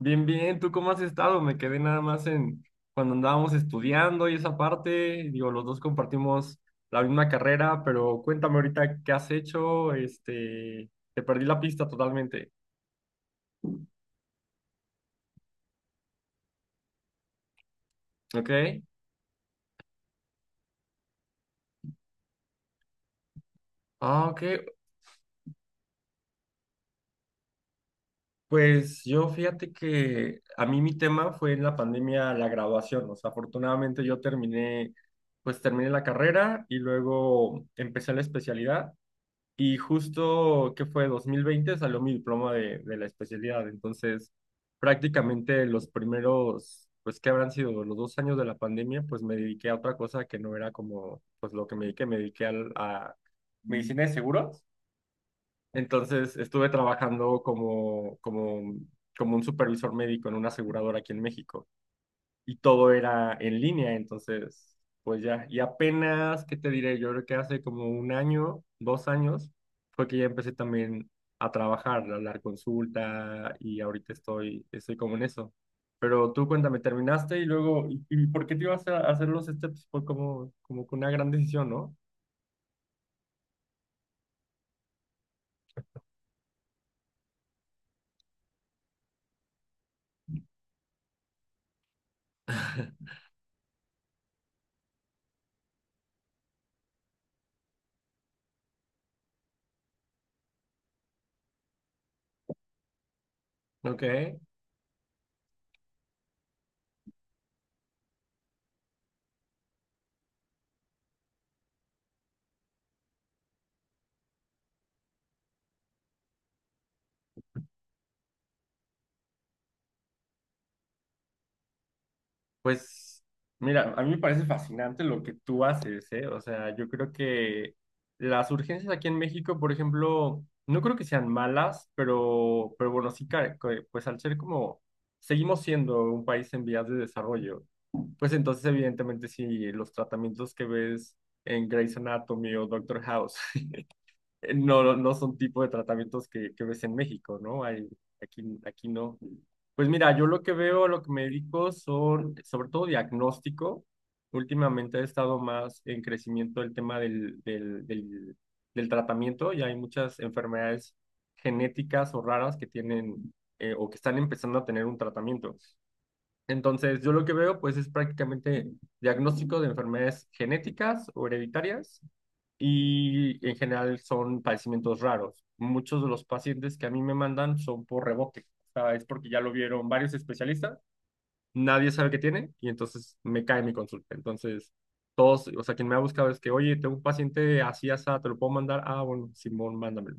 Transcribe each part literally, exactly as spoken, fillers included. Bien, bien, ¿tú cómo has estado? Me quedé nada más en cuando andábamos estudiando y esa parte, digo, los dos compartimos la misma carrera, pero cuéntame ahorita qué has hecho, este, te perdí la pista totalmente, ¿ok? Ah, ok, pues yo fíjate que a mí mi tema fue en la pandemia la graduación, o sea, afortunadamente yo terminé, pues terminé la carrera y luego empecé la especialidad. Y justo, ¿qué fue? dos mil veinte salió mi diploma de, de la especialidad. Entonces, prácticamente los primeros, pues, ¿que habrán sido? Los dos años de la pandemia, pues me dediqué a otra cosa que no era como, pues, lo que me dediqué. Me dediqué al- a medicina de seguros. Entonces, estuve trabajando como, como, como un supervisor médico en una aseguradora aquí en México y todo era en línea, entonces, pues ya, y apenas, ¿qué te diré? Yo creo que hace como un año, dos años, fue que ya empecé también a trabajar, a dar consulta y ahorita estoy, estoy, como en eso. Pero tú cuéntame, ¿terminaste y luego, y, y por qué te ibas a hacer los steps? Fue como, como que una gran decisión, ¿no? Ok. Pues mira, a mí me parece fascinante lo que tú haces, ¿eh? O sea, yo creo que las urgencias aquí en México, por ejemplo, no creo que sean malas, pero, pero bueno, sí, ca- co- pues al ser como, seguimos siendo un país en vías de desarrollo, pues entonces evidentemente sí, los tratamientos que ves en Grey's Anatomy o Doctor House. Eh, no, no no son tipo de tratamientos que, que ves en México, ¿no? Hay, aquí, aquí no. Pues mira, yo lo que veo, lo que me dedico son sobre todo diagnóstico. Últimamente ha estado más en crecimiento el tema del, del, del, del tratamiento y hay muchas enfermedades genéticas o raras que tienen eh, o que están empezando a tener un tratamiento. Entonces, yo lo que veo pues es prácticamente diagnóstico de enfermedades genéticas o hereditarias y en general son padecimientos raros. Muchos de los pacientes que a mí me mandan son por rebote, o sea, es porque ya lo vieron varios especialistas, nadie sabe qué tiene y entonces me cae mi consulta. Entonces, todos, o sea, quien me ha buscado es que, oye, tengo un paciente así, así, ¿te lo puedo mandar? Ah, bueno, Simón, mándamelo.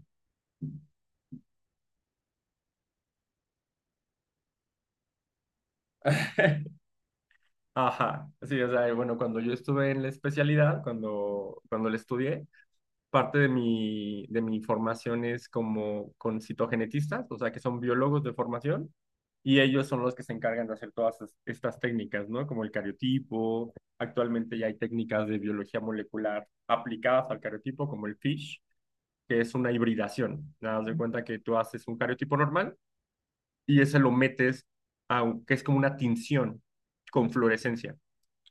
Ajá, sí, o sea, bueno, cuando yo estuve en la especialidad, cuando, cuando la estudié, parte de mi, de mi formación es como con citogenetistas, o sea, que son biólogos de formación, y ellos son los que se encargan de hacer todas es- estas técnicas, ¿no? Como el cariotipo, actualmente ya hay técnicas de biología molecular aplicadas al cariotipo, como el FISH, que es una hibridación. Nada, más de cuenta que tú haces un cariotipo normal y ese lo metes a, un- que es como una tinción con fluorescencia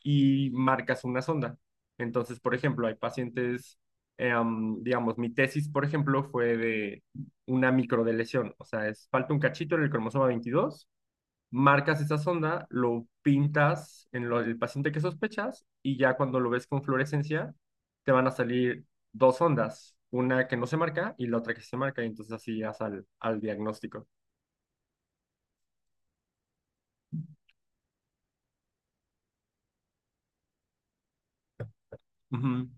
y marcas una sonda. Entonces, por ejemplo, hay pacientes, eh, am, digamos, mi tesis, por ejemplo, fue de una microdeleción, o sea, es, falta un cachito en el cromosoma veintidós. Marcas esa sonda, lo pintas en lo- el paciente que sospechas y ya cuando lo ves con fluorescencia, te van a salir dos ondas, una que no se marca y la otra que sí se marca, y entonces así llegas al, al diagnóstico. Ujú.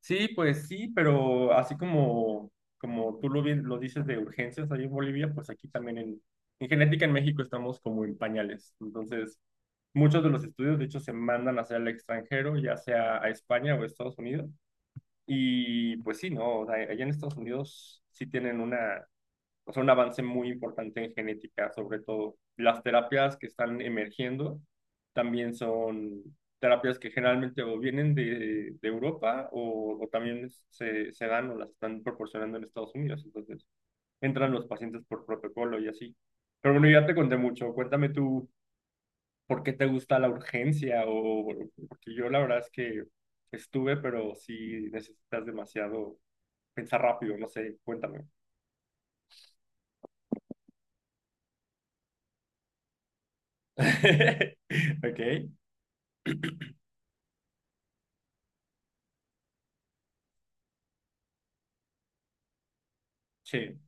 Sí, pues sí, pero así como, como tú lo, bien- lo dices de urgencias ahí en Bolivia, pues aquí también en, en genética en México estamos como en pañales. Entonces, muchos de los estudios, de hecho, se mandan hacia el extranjero, ya sea a España o a Estados Unidos. Y pues sí, ¿no? O sea, allá en Estados Unidos sí tienen una, o sea, un avance muy importante en genética, sobre todo. Las terapias que están emergiendo también son terapias que generalmente o vienen de, de Europa o, o también se, se dan o las están proporcionando en Estados Unidos. Entonces, entran los pacientes por protocolo y así. Pero bueno, ya te conté mucho. Cuéntame tú por qué te gusta la urgencia o bueno, porque yo la verdad es que estuve, pero sí necesitas demasiado pensar rápido, no sé, cuéntame. Ok, sí.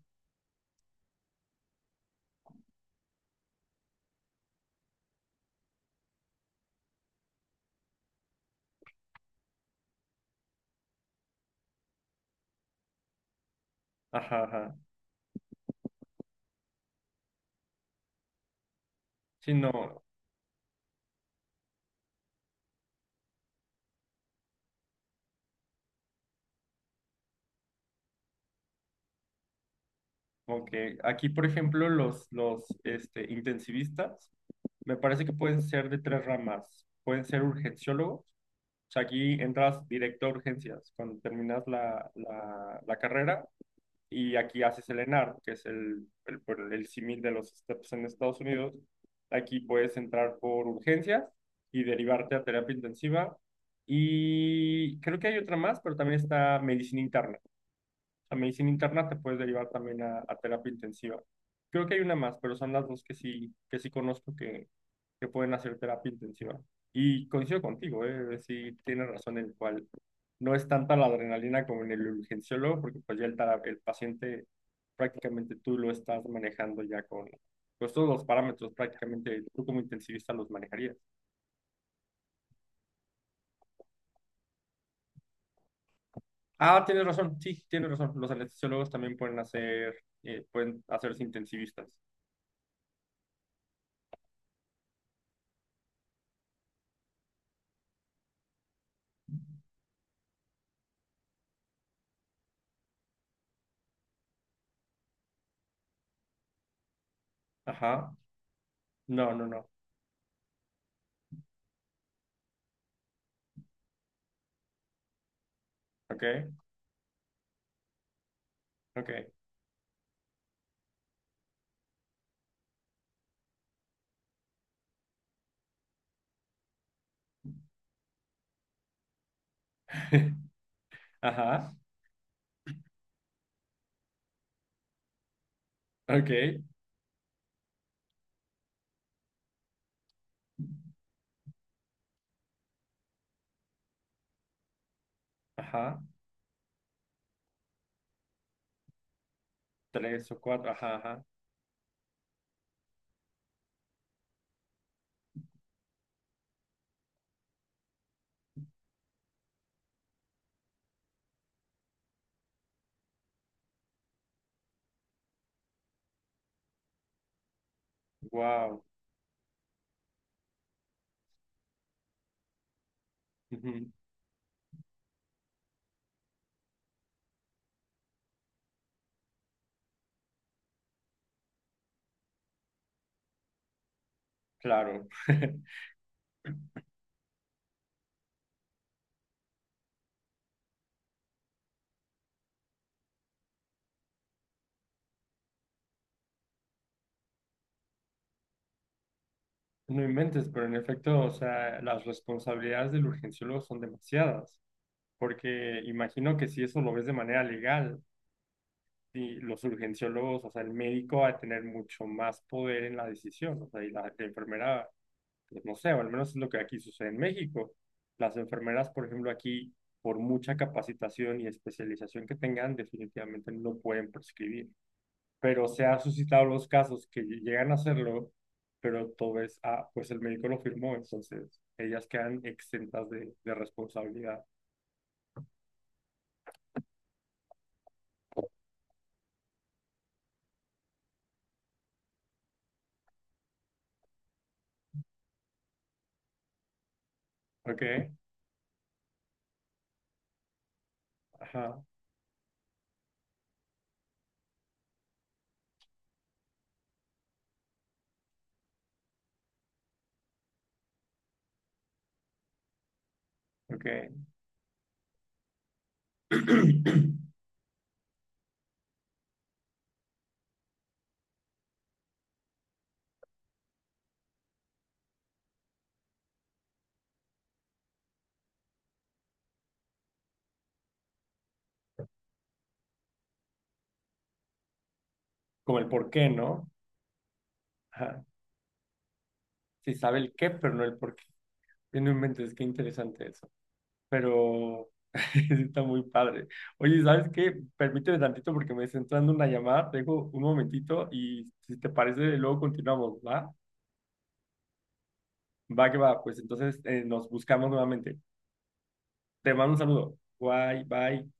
Ajá, ajá. Sí, no, como que aquí, por ejemplo, los, los este, intensivistas, me parece que pueden ser de tres ramas. Pueden ser urgenciólogos, o sea, aquí entras directo a urgencias cuando terminas la, la, la carrera y aquí haces el ENAR, que es el, el, por el símil de los STEPS en Estados Unidos. Aquí puedes entrar por urgencias y derivarte a terapia intensiva. Y creo que hay otra más, pero también está medicina interna. Sea, medicina interna te puedes derivar también a, a terapia intensiva. Creo que hay una más, pero son las dos que sí, que sí conozco que, que pueden hacer terapia intensiva. Y coincido contigo, ¿eh? Sí, tienes razón en el cual no es tanta la adrenalina como en el urgenciólogo, porque pues ya el, tara- el paciente prácticamente tú lo estás manejando ya con pues todos los parámetros prácticamente tú como intensivista los manejarías. Ah, tienes razón, sí, tienes razón. Los anestesiólogos también pueden hacer, eh, pueden hacerse intensivistas. Ajá. No, no, no. Ok, ok. Ajá, ok, ajá. Tres o cuatro, ajá, ajá. Wow. Ujú, claro. No inventes, pero en efecto, o sea, las responsabilidades del urgenciólogo son demasiadas, porque imagino que si eso lo ves de manera legal, y los urgenciólogos, o sea, el médico va a tener mucho más poder en la decisión, o sea, y la, la enfermera pues no sé, o al menos es lo que aquí sucede en México. Las enfermeras, por ejemplo, aquí, por mucha capacitación y especialización que tengan, definitivamente no pueden prescribir. Pero se han suscitado los casos que llegan a hacerlo, pero todo es, ah, pues el médico lo firmó, entonces ellas quedan exentas de, de responsabilidad. Ok, ajá, ok. Como el por qué, ¿no? Ajá. Sí sabe el qué, pero no el por qué. No inventes, qué interesante eso. Pero está muy padre. Oye, ¿sabes qué? Permíteme tantito porque me está entrando una llamada, te dejo un momentito y si te parece, luego continuamos, ¿va? Va que va, pues entonces eh, nos buscamos nuevamente. Te mando un saludo. Bye, bye.